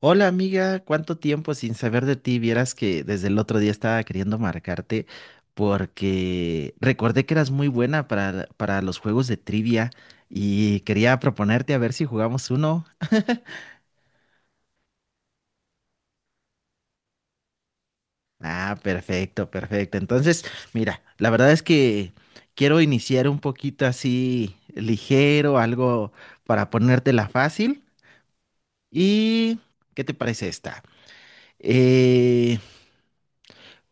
Hola amiga, ¿cuánto tiempo sin saber de ti? Vieras que desde el otro día estaba queriendo marcarte porque recordé que eras muy buena para los juegos de trivia y quería proponerte a ver si jugamos uno. Ah, perfecto, perfecto. Entonces, mira, la verdad es que quiero iniciar un poquito así ligero, algo para ponértela fácil. ¿Y qué te parece esta? Eh,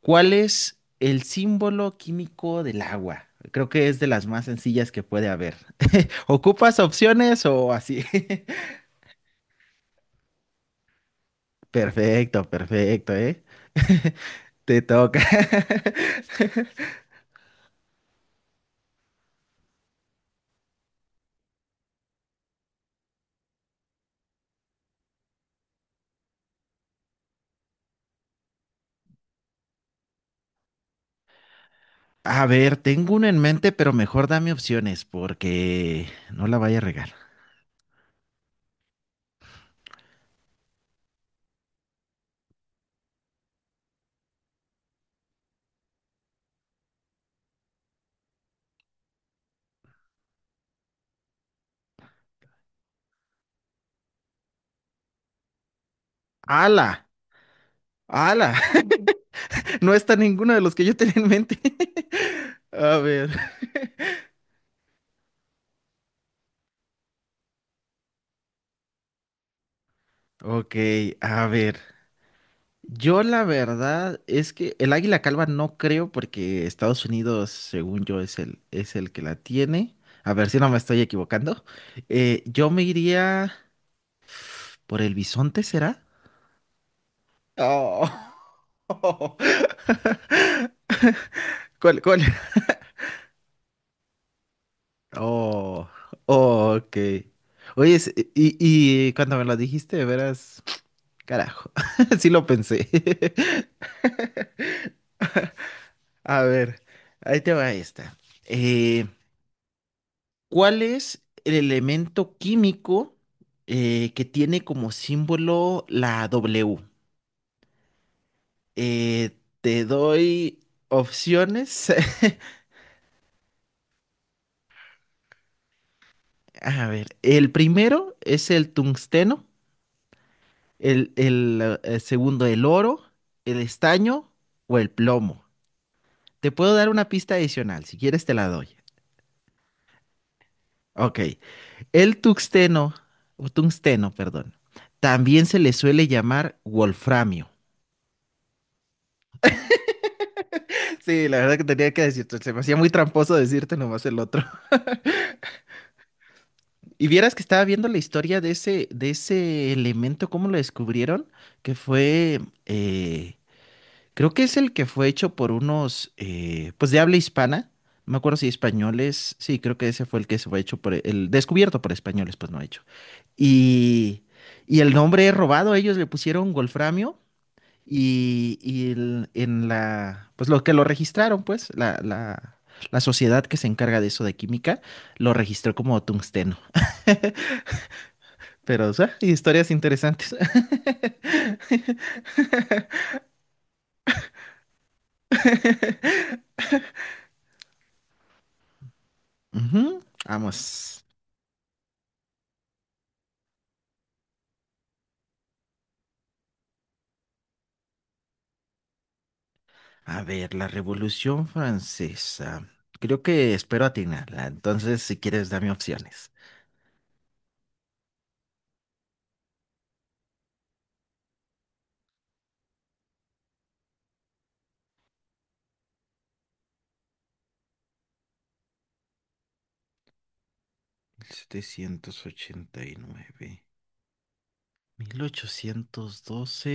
¿Cuál es el símbolo químico del agua? Creo que es de las más sencillas que puede haber. ¿Ocupas opciones o así? Perfecto, perfecto, ¿eh? Te toca. A ver, tengo uno en mente, pero mejor dame opciones porque no la vaya a regar. ¡Ala! ¡Ala! No está ninguno de los que yo tenía en mente. A ver. Ok, a ver. Yo la verdad es que el águila calva no creo porque Estados Unidos, según yo, es el que la tiene. A ver si no me estoy equivocando. Yo me iría por el bisonte, ¿será? Oh. ¿Cuál? Oh, oh, ok. Oye, y cuando me lo dijiste, verás, carajo, sí lo pensé. A ver, ahí te va esta. Eh, ¿Cuál es el elemento químico que tiene como símbolo la W? Te doy opciones. A ver, el primero es el tungsteno, el segundo el oro, el estaño o el plomo. Te puedo dar una pista adicional, si quieres te la doy. Ok, el tungsteno, o tungsteno, perdón, también se le suele llamar wolframio. Sí, la verdad que tenía que decirte, se me hacía muy tramposo decirte nomás el otro. Y vieras que estaba viendo la historia de ese elemento, cómo lo descubrieron, que fue, creo que es el que fue hecho por unos, pues de habla hispana, no me acuerdo si españoles, sí, creo que ese fue el que se fue hecho por, el descubierto por españoles, pues no hecho. Y, y el nombre es robado, ellos le pusieron wolframio. Y en la, pues lo que lo registraron, pues, la sociedad que se encarga de eso de química, lo registró como tungsteno. Pero, o sea, historias interesantes. Ujú, vamos. A ver, la Revolución Francesa. Creo que espero atinarla. Entonces, si quieres, dame opciones. Mil setecientos ochenta y nueve, 1812,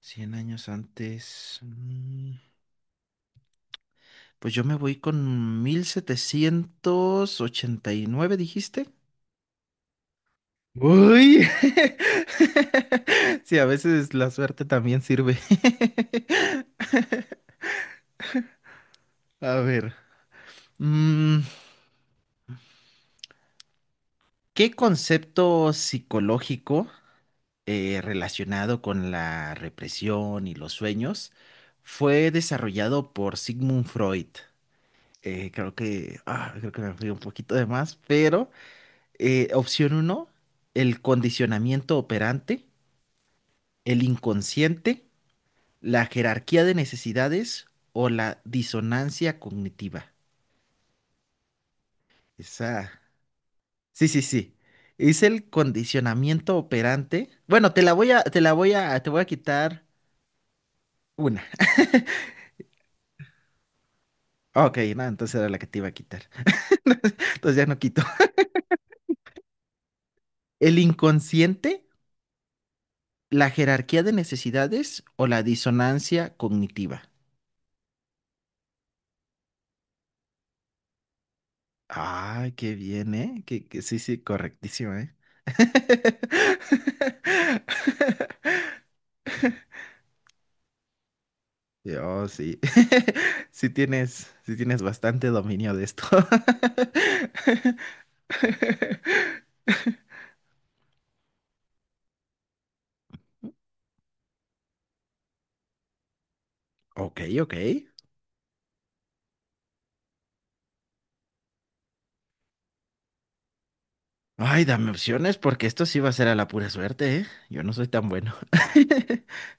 100 años antes. Pues yo me voy con 1789, dijiste. Uy. Sí, a veces la suerte también sirve. A ver. mm, ¿Qué concepto psicológico relacionado con la represión y los sueños fue desarrollado por Sigmund Freud? Creo que me fui un poquito de más, pero opción uno, el condicionamiento operante, el inconsciente, la jerarquía de necesidades o la disonancia cognitiva. Esa. Sí, sí, sí. Es el condicionamiento operante. Bueno, te voy a quitar una. Ok, no, entonces era la que te iba a quitar. Entonces ya no quito. El inconsciente, la jerarquía de necesidades o la disonancia cognitiva. Ay, qué bien, ¿eh? Que sí, sí, correctísimo, ¿eh? Sí, oh, sí. Sí tienes bastante dominio de esto. Ok, ok. Ay, dame opciones porque esto sí va a ser a la pura suerte, ¿eh? Yo no soy tan bueno.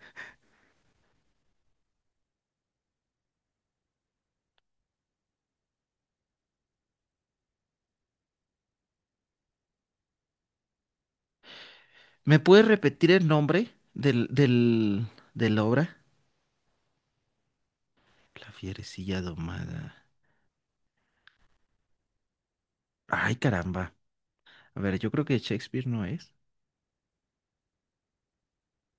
¿Me puedes repetir el nombre de la obra? La fierecilla domada. Ay, caramba. A ver, yo creo que Shakespeare no es.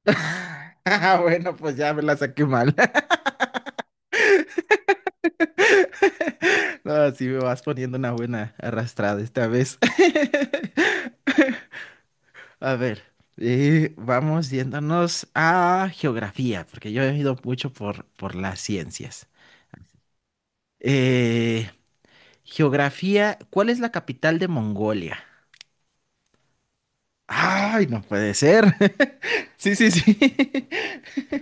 Ah, bueno, pues ya me la saqué mal. No, sí me vas poniendo una buena arrastrada esta vez. A ver, vamos yéndonos a geografía, porque yo he ido mucho por las ciencias. Eh, geografía, ¿cuál es la capital de Mongolia? Ay, no puede ser. Sí, sí, sí.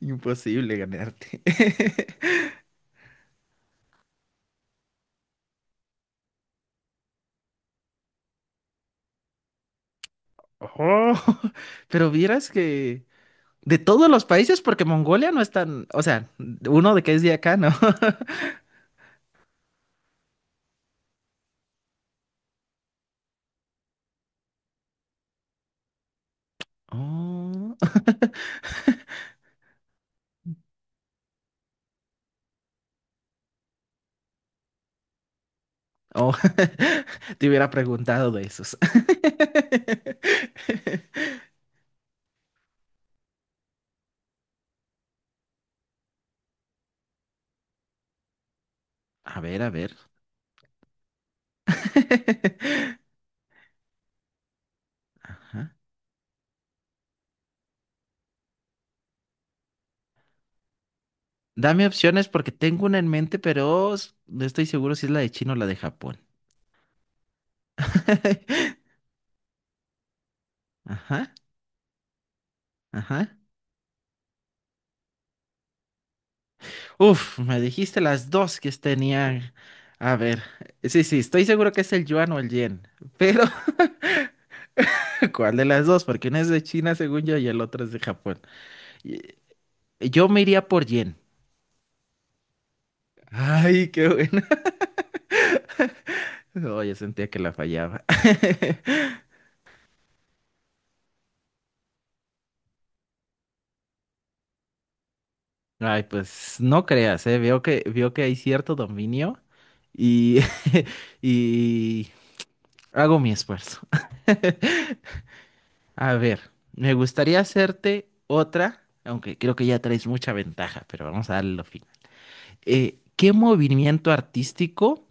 Imposible ganarte. Oh, pero vieras que de todos los países, porque Mongolia no es tan, o sea, uno de que es de acá, ¿no? Oh. Oh, te hubiera preguntado de esos. A ver, a ver. Ajá. Dame opciones porque tengo una en mente, pero no estoy seguro si es la de China o la de Japón. Ajá, ajá. Uf, me dijiste las dos que tenían. A ver, sí, sí, estoy seguro que es el yuan o el yen, pero ¿cuál de las dos? Porque una es de China, según yo, y el otro es de Japón. Y- Yo me iría por yen. Ay, qué bueno. Oye, sentía que la fallaba. Ay, pues no creas, eh. Veo que hay cierto dominio y, y hago mi esfuerzo. A ver, me gustaría hacerte otra, aunque creo que ya traes mucha ventaja, pero vamos a darle lo fin. ¿Qué movimiento artístico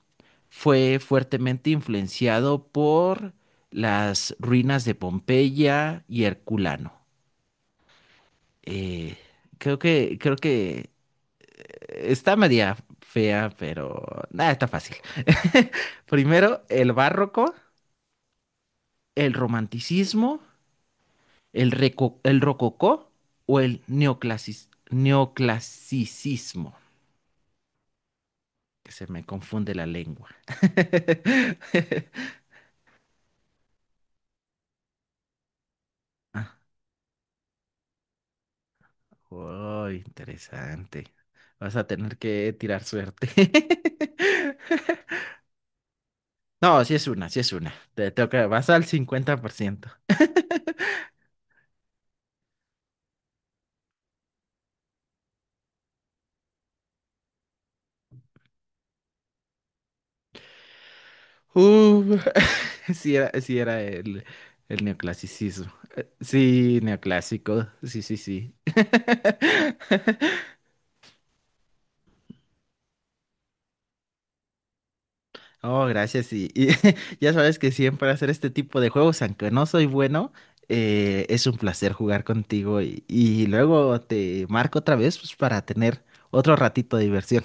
fue fuertemente influenciado por las ruinas de Pompeya y Herculano? Eh, creo que está media fea, pero nada, está fácil. Primero, el barroco, el romanticismo, el rococó o el neoclasicismo. Que se me confunde la lengua. Ah, oh, interesante. Vas a tener que tirar suerte. No, sí es una, sí es una. Te toca, vas al 50%. Uh, sí era el neoclasicismo. Sí, neoclásico. Sí, sí, sí. Oh, gracias. Y ya sabes que siempre hacer este tipo de juegos, aunque no soy bueno, es un placer jugar contigo. Y luego te marco otra vez, pues, para tener otro ratito de diversión.